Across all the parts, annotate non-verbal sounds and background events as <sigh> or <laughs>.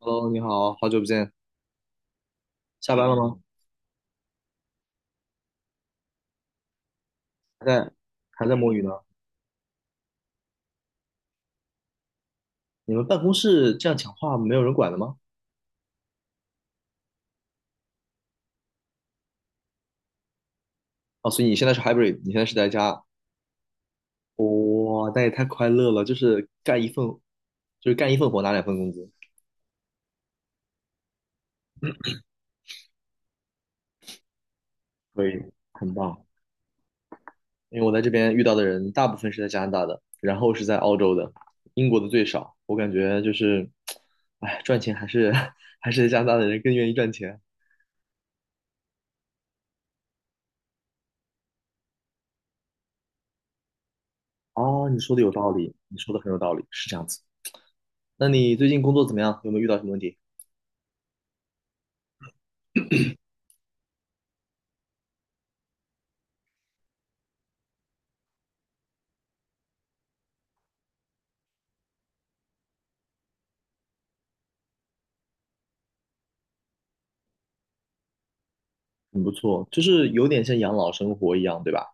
Hello，你好，好久不见，下班了吗？嗯还在还在摸鱼呢？你们办公室这样讲话没有人管的吗？哦，所以你现在是 hybrid，你现在是在家，哇，那也太快乐了，就是干一份活拿两份工资，可以，很棒。因为我在这边遇到的人大部分是在加拿大的，然后是在澳洲的，英国的最少。我感觉就是，哎，赚钱还是 <laughs> 还是加拿大的人更愿意赚钱。哦，你说的有道理，你说的很有道理，是这样子。那你最近工作怎么样？有没有遇到什么问题？很不错，就是有点像养老生活一样，对吧？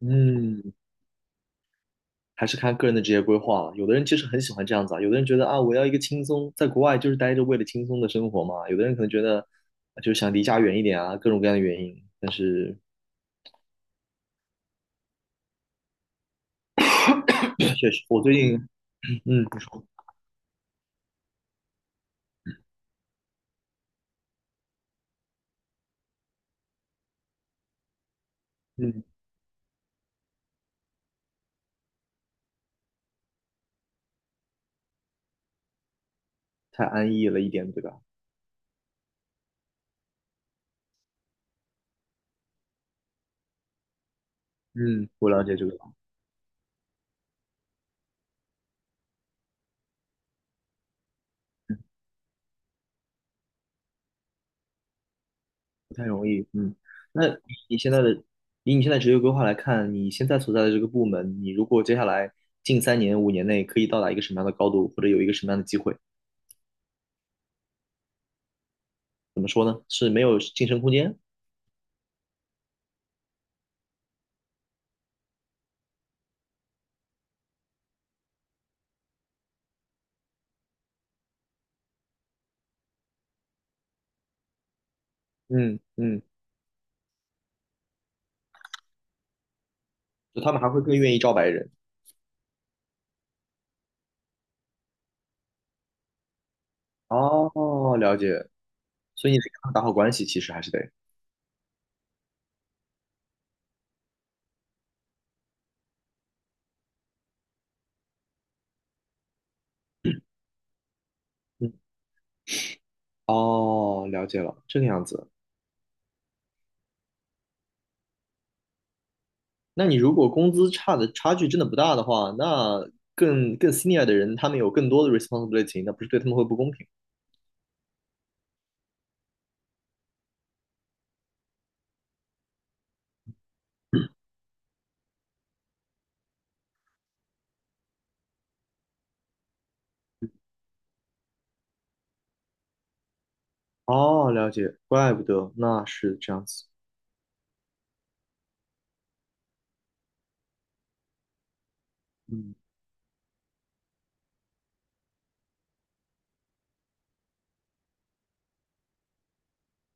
嗯，还是看个人的职业规划了。有的人其实很喜欢这样子啊，有的人觉得啊，我要一个轻松，在国外就是待着为了轻松的生活嘛。有的人可能觉得啊就是想离家远一点啊，各种各样的原因。但是 <clears throat> 确实，我最近不说嗯，太安逸了一点，对吧？嗯，我了解这个。太容易，嗯。那你现在的，以你现在职业规划来看，你现在所在的这个部门，你如果接下来近3年、5年内可以到达一个什么样的高度，或者有一个什么样的机会，是没有晋升空间？嗯嗯，就他们还会更愿意招白人。哦，了解。所以你得跟他们打好关系，其实还是得。嗯，哦，了解了，这个样子。那你如果工资差的差距真的不大的话，那更 senior 的人，他们有更多的 responsibility，那不是对他们会不公平？哦，了解，怪不得，那是这样子。嗯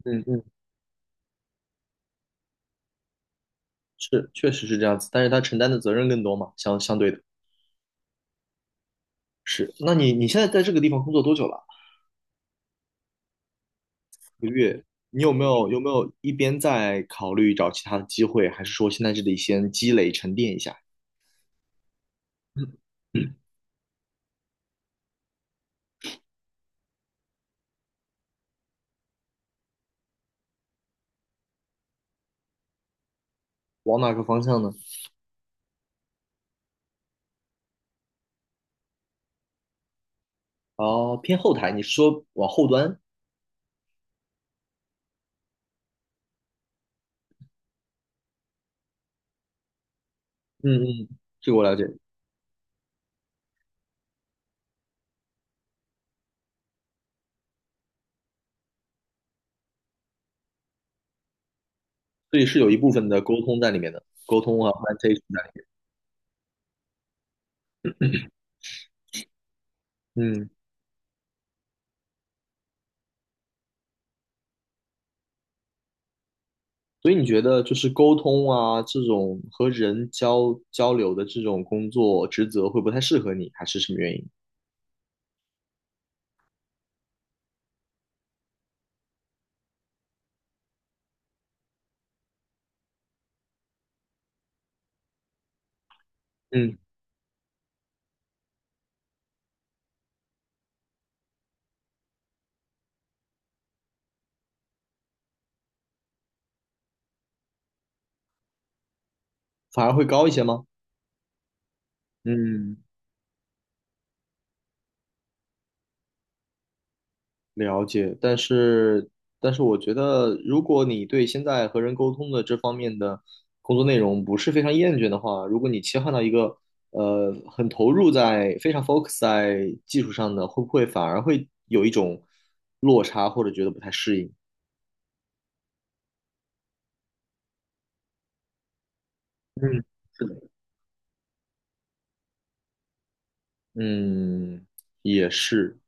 嗯嗯，是，确实是这样子，但是他承担的责任更多嘛，相对的是。那你现在在这个地方工作多久了？你有没有一边在考虑找其他的机会，还是说现在这里先积累沉淀一下？嗯嗯，往哪个方向呢？哦，偏后台，你是说往后端？嗯嗯，这个我了解，所以是有一部分的沟通在里面的，沟通啊，presentation 在里面。嗯所以你觉得就是沟通啊，这种和人交流的这种工作职责会不太适合你，还是什么原因？嗯，反而会高一些吗？嗯，了解。但是，我觉得，如果你对现在和人沟通的这方面的工作内容不是非常厌倦的话，如果你切换到一个很投入在非常 focus 在技术上的，会不会反而会有一种落差，或者觉得不太适应？嗯，是的。嗯，也是，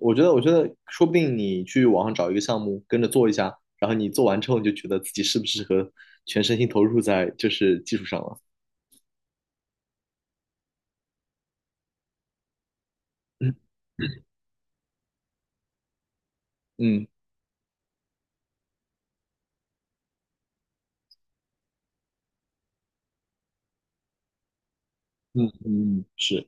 我觉得，说不定你去网上找一个项目跟着做一下，然后你做完之后，你就觉得自己适不适合全身心投入在就是技术上了。嗯嗯嗯嗯，是，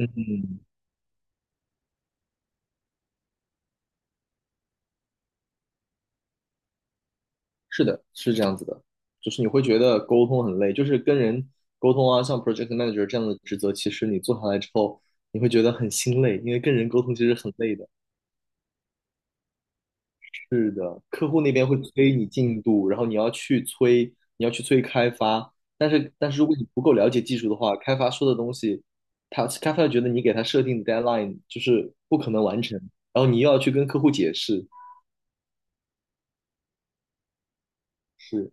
嗯嗯，是的，是这样子的，就是你会觉得沟通很累，就是跟人沟通啊，像 project manager 这样的职责，其实你做下来之后，你会觉得很心累，因为跟人沟通其实很累的。是的，客户那边会催你进度，然后你要去催开发。但是，如果你不够了解技术的话，开发说的东西，他开发觉得你给他设定的 deadline 就是不可能完成，然后你又要去跟客户解释。是，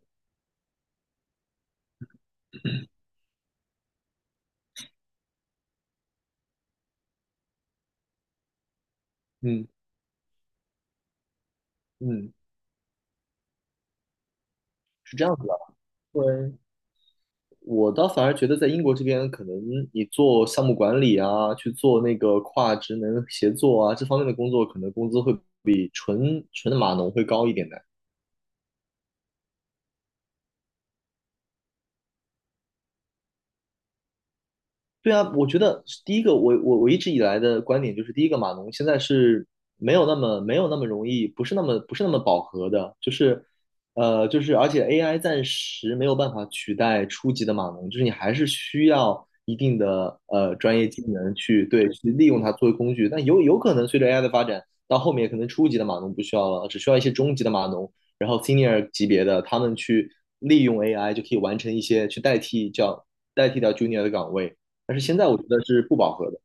嗯嗯，是这样子的。对，我倒反而觉得在英国这边，可能你做项目管理啊，去做那个跨职能协作啊，这方面的工作，可能工资会比纯纯的码农会高一点的。对啊，我觉得第一个，我一直以来的观点就是，第一个码农现在是没有那么容易，不是那么饱和的，就是而且 AI 暂时没有办法取代初级的码农，就是你还是需要一定的专业技能去利用它作为工具。但有可能随着 AI 的发展，到后面可能初级的码农不需要了，只需要一些中级的码农，然后 senior 级别的他们去利用 AI 就可以完成一些去代替掉 junior 的岗位。但是现在我觉得是不饱和的，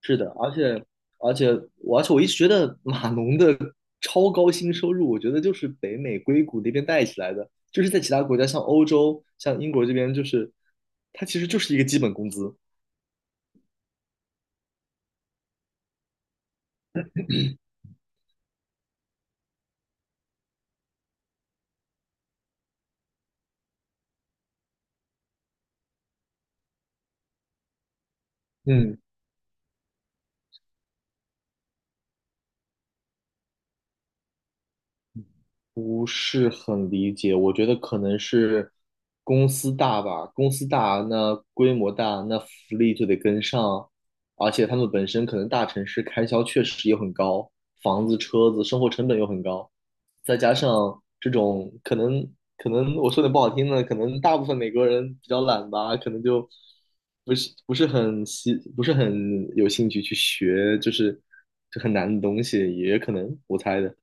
是的，而且而且我一直觉得 <laughs> 码农的超高薪收入，我觉得就是北美硅谷那边带起来的，就是在其他国家像欧洲、像英国这边，就是它其实就是一个基本工资，嗯。不是很理解，我觉得可能是公司大吧，公司大，那规模大，那福利就得跟上，而且他们本身可能大城市开销确实也很高，房子、车子、生活成本又很高，再加上这种可能，可能我说点不好听的，可能大部分美国人比较懒吧，可能就不是很有兴趣去学，就是这很难的东西，也可能我猜的。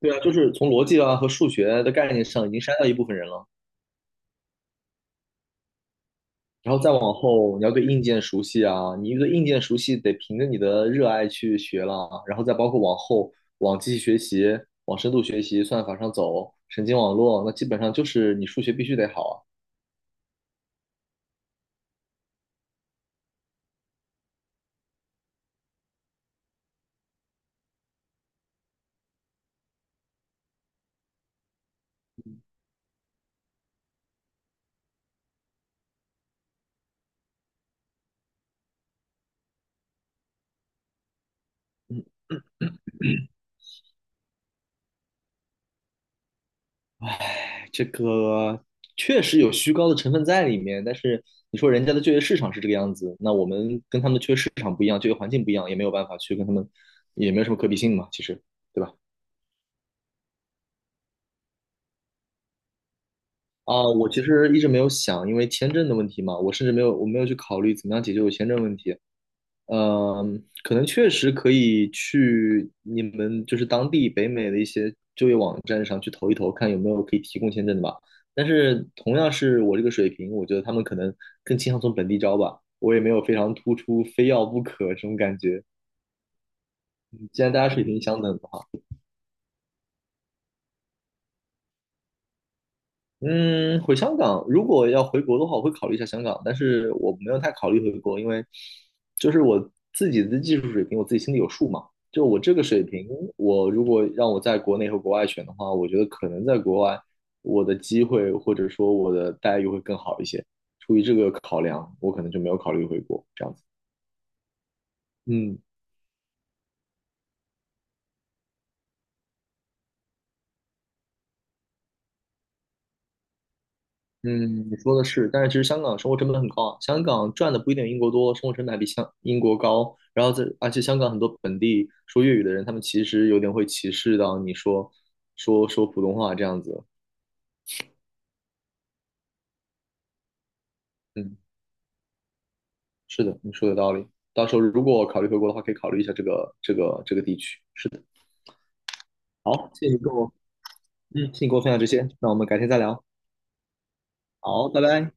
对啊，就是从逻辑啊和数学的概念上已经筛掉一部分人了，然后再往后你要对硬件熟悉啊，你一个硬件熟悉得凭着你的热爱去学了啊然后再包括往后往机器学习、往深度学习、算法上走、神经网络，那基本上就是你数学必须得好啊。嗯，哎，这个确实有虚高的成分在里面，但是你说人家的就业市场是这个样子，那我们跟他们的就业市场不一样，就业环境不一样，也没有办法去跟他们，也没有什么可比性嘛，其实，对吧？啊，我其实一直没有想，因为签证的问题嘛，我甚至没有去考虑怎么样解决我签证问题。嗯，可能确实可以去你们就是当地北美的一些就业网站上去投一投，看有没有可以提供签证的吧。但是同样是我这个水平，我觉得他们可能更倾向从本地招吧。我也没有非常突出，非要不可这种感觉。既然大家水平相等。的话。嗯，回香港，如果要回国的话，我会考虑一下香港，但是我没有太考虑回国，因为就是我自己的技术水平，我自己心里有数嘛。就我这个水平，我如果让我在国内和国外选的话，我觉得可能在国外我的机会或者说我的待遇会更好一些。出于这个考量，我可能就没有考虑回国这样子。嗯。嗯，你说的是，但是其实香港生活成本很高啊，香港赚的不一定英国多，生活成本还比香英国高。然后在，而且香港很多本地说粤语的人，他们其实有点会歧视到你说普通话这样子。嗯，是的，你说的有道理。到时候如果考虑回国的话，可以考虑一下这个地区。是的，好，谢谢你跟我分享这些，那我们改天再聊。好，拜拜。